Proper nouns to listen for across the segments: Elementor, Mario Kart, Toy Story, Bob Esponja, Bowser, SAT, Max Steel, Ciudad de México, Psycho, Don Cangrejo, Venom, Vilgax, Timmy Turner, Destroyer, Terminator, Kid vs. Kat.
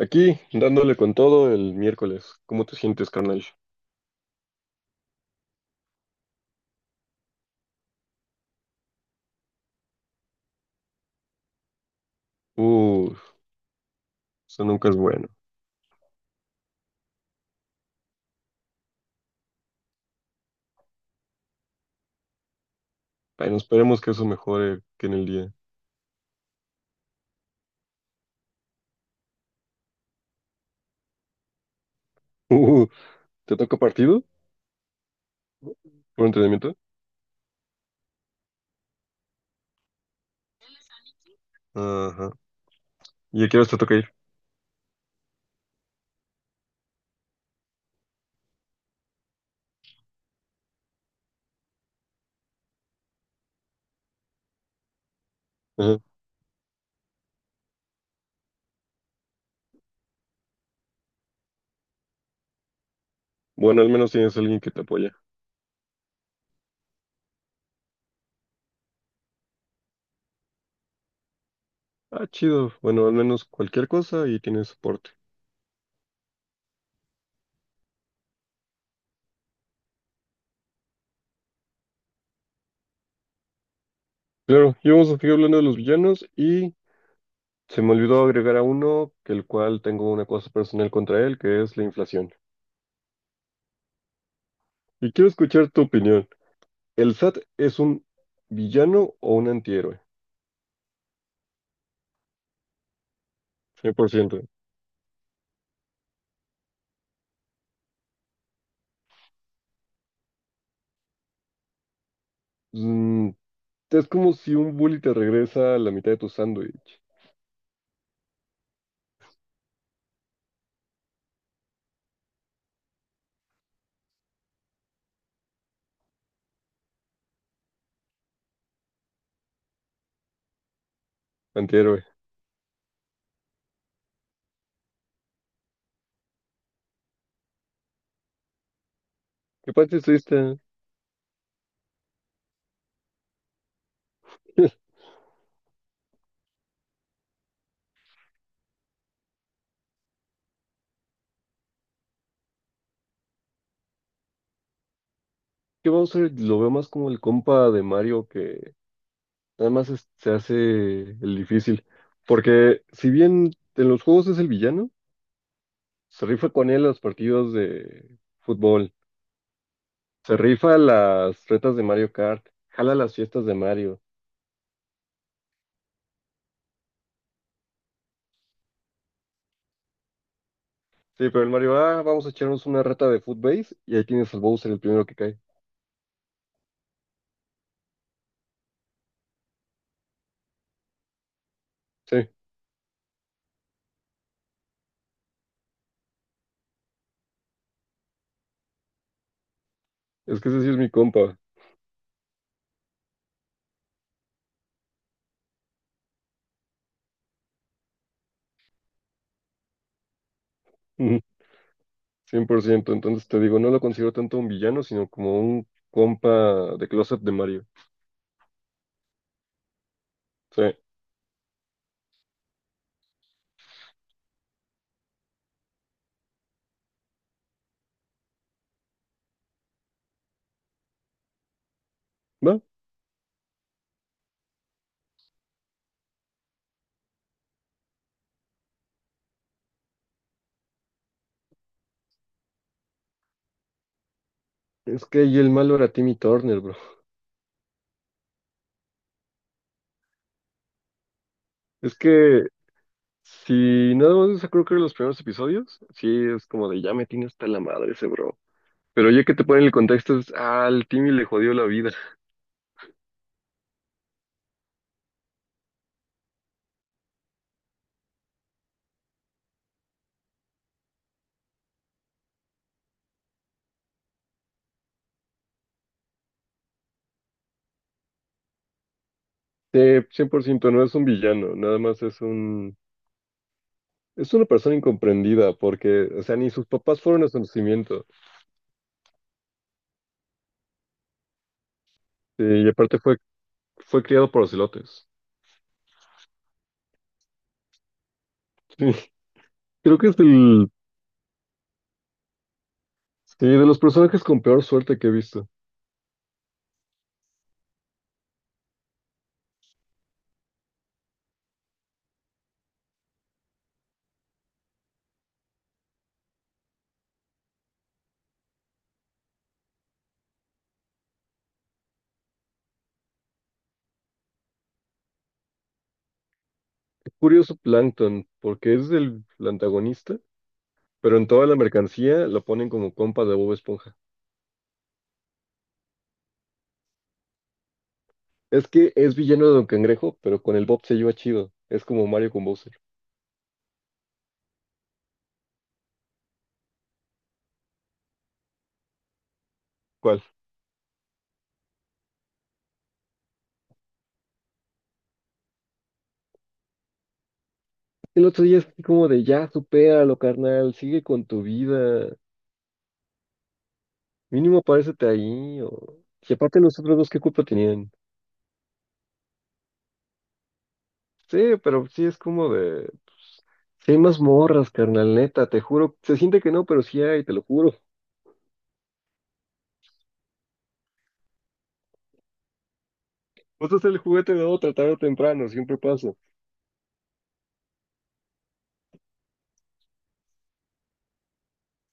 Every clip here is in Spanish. Aquí, dándole con todo el miércoles. ¿Cómo te sientes, carnal? Uh, eso nunca es bueno. Bueno, esperemos que eso mejore que en el día. Uh, ¿te toca partido? ¿Un entrenamiento? Ajá. ¿Y a qué hora te toca ir? Ajá. Bueno, al menos tienes alguien que te apoya. Ah, chido. Bueno, al menos cualquier cosa y tienes soporte. Claro, y vamos a seguir hablando de los villanos y se me olvidó agregar a uno, que el cual tengo una cosa personal contra él, que es la inflación. Y quiero escuchar tu opinión. ¿El SAT es un villano o un antihéroe? 100%. Mm, es como si un bully te regresa la mitad de tu sándwich. Antihéroe. ¿Qué parte estuviste? ¿Qué vamos a Bowser lo veo más como el compa de Mario que nada más es- se hace el difícil. Porque si bien en los juegos es el villano, se rifa con él los partidos de fútbol, se rifa las retas de Mario Kart, jala las fiestas de Mario. Sí, pero el Mario, ah, vamos a echarnos una reta de Footbase y ahí tienes al Bowser el primero que cae. Sí, es que ese sí es mi compa. Ujú, 100%. Entonces te digo, no lo considero tanto un villano, sino como un compa de closet de Mario. Sí, va. Es que ahí el malo era Timmy Turner, bro. Es que si nada más eso creo que eran los primeros episodios, sí es como de ya me tiene hasta la madre ese bro. Pero ya que te ponen el contexto, es, ah, al Timmy le jodió la vida. Sí, 100% no es un villano, nada más es un. Es una persona incomprendida porque, o sea, ni sus papás fueron a su nacimiento. Sí, y aparte fue criado por ocelotes. Sí, creo que es el, sí, de los personajes con peor suerte que he visto. Qué curioso Plankton, porque es el antagonista, pero en toda la mercancía lo ponen como compa de Bob Esponja. Es que es villano de Don Cangrejo, pero con el Bob se lleva chido. Es como Mario con Bowser. ¿Cuál? El otro día es así como de ya, supéralo, carnal, sigue con tu vida. Mínimo párate ahí, o... Y aparte nosotros dos, ¿qué culpa tenían? Sí, pero sí es como de... Pues, sí hay más morras, carnal, neta, te juro. Se siente que no, pero sí hay, te lo juro. Vas a ser el juguete de otra tarde o temprano, siempre pasa.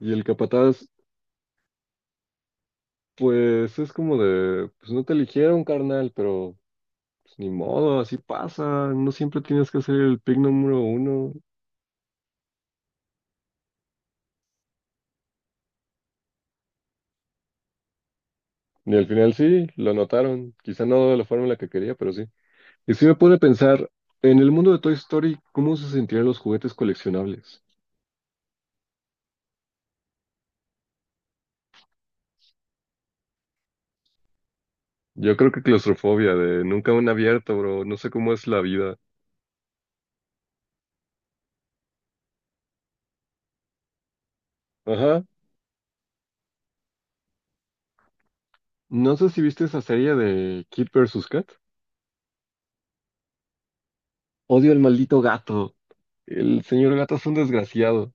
Y el capataz, pues es como de... Pues no te eligieron, carnal, pero... pues, ni modo, así pasa. No siempre tienes que ser el pick número uno. Y al final sí, lo notaron. Quizá no de la forma en la que quería, pero sí. Y si me pone a pensar, en el mundo de Toy Story, ¿cómo se sentirían los juguetes coleccionables? Yo creo que claustrofobia, de nunca un abierto, bro. No sé cómo es la vida. Ajá. No sé si viste esa serie de Kid vs. Kat. Odio al maldito gato. El señor gato es un desgraciado.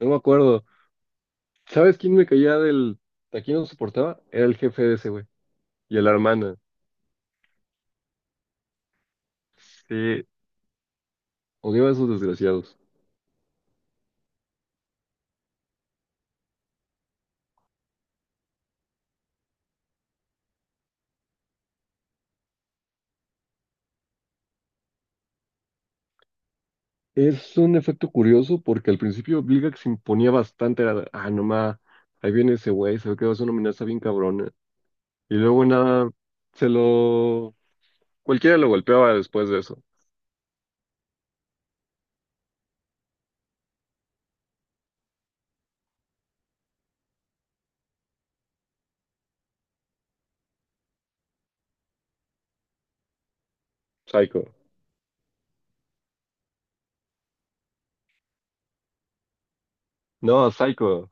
No me acuerdo. ¿Sabes quién me caía del... ¿A quién no soportaba? Era el jefe de ese güey. Y a la hermana. Sí. Odiaba a esos desgraciados. Es un efecto curioso porque al principio Vilgax se imponía bastante, era, de, ah, no ma, ahí viene ese güey, se ve que va a ser una amenaza bien cabrona. Y luego nada, se lo... Cualquiera lo golpeaba después de eso. Psycho. No, Psycho.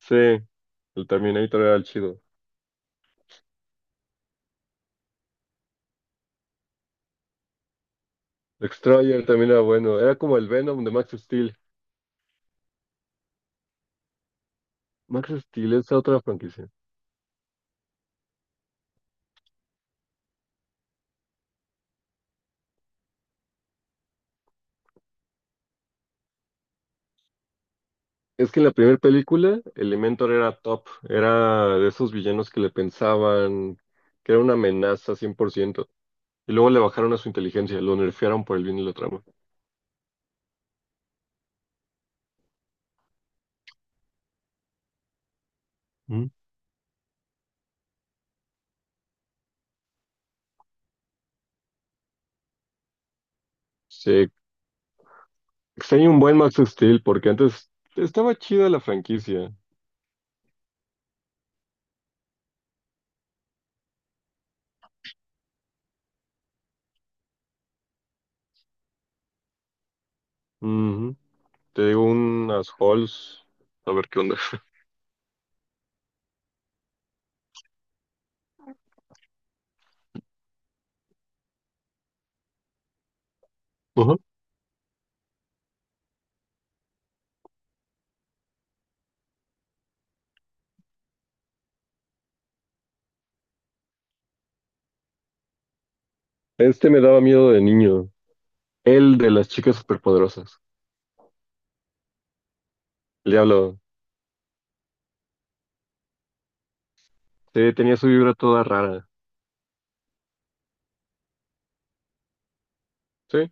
Sí, el Terminator era el chido. Destroyer también era bueno, era como el Venom de Max Steel. Max Steel es otra franquicia. Es que en la primera película, Elementor era top, era de esos villanos que le pensaban que era una amenaza cien por ciento. Y luego le bajaron a su inteligencia, lo nerfearon por el bien de la trama. Mm. Se extraña un buen Max Steel porque antes estaba chida la franquicia. Ujú. Te digo unas halls, a ver qué onda. Ujú. Este me daba miedo de niño. El de las chicas superpoderosas. El diablo. Sí, tenía su vibra toda rara. Sí.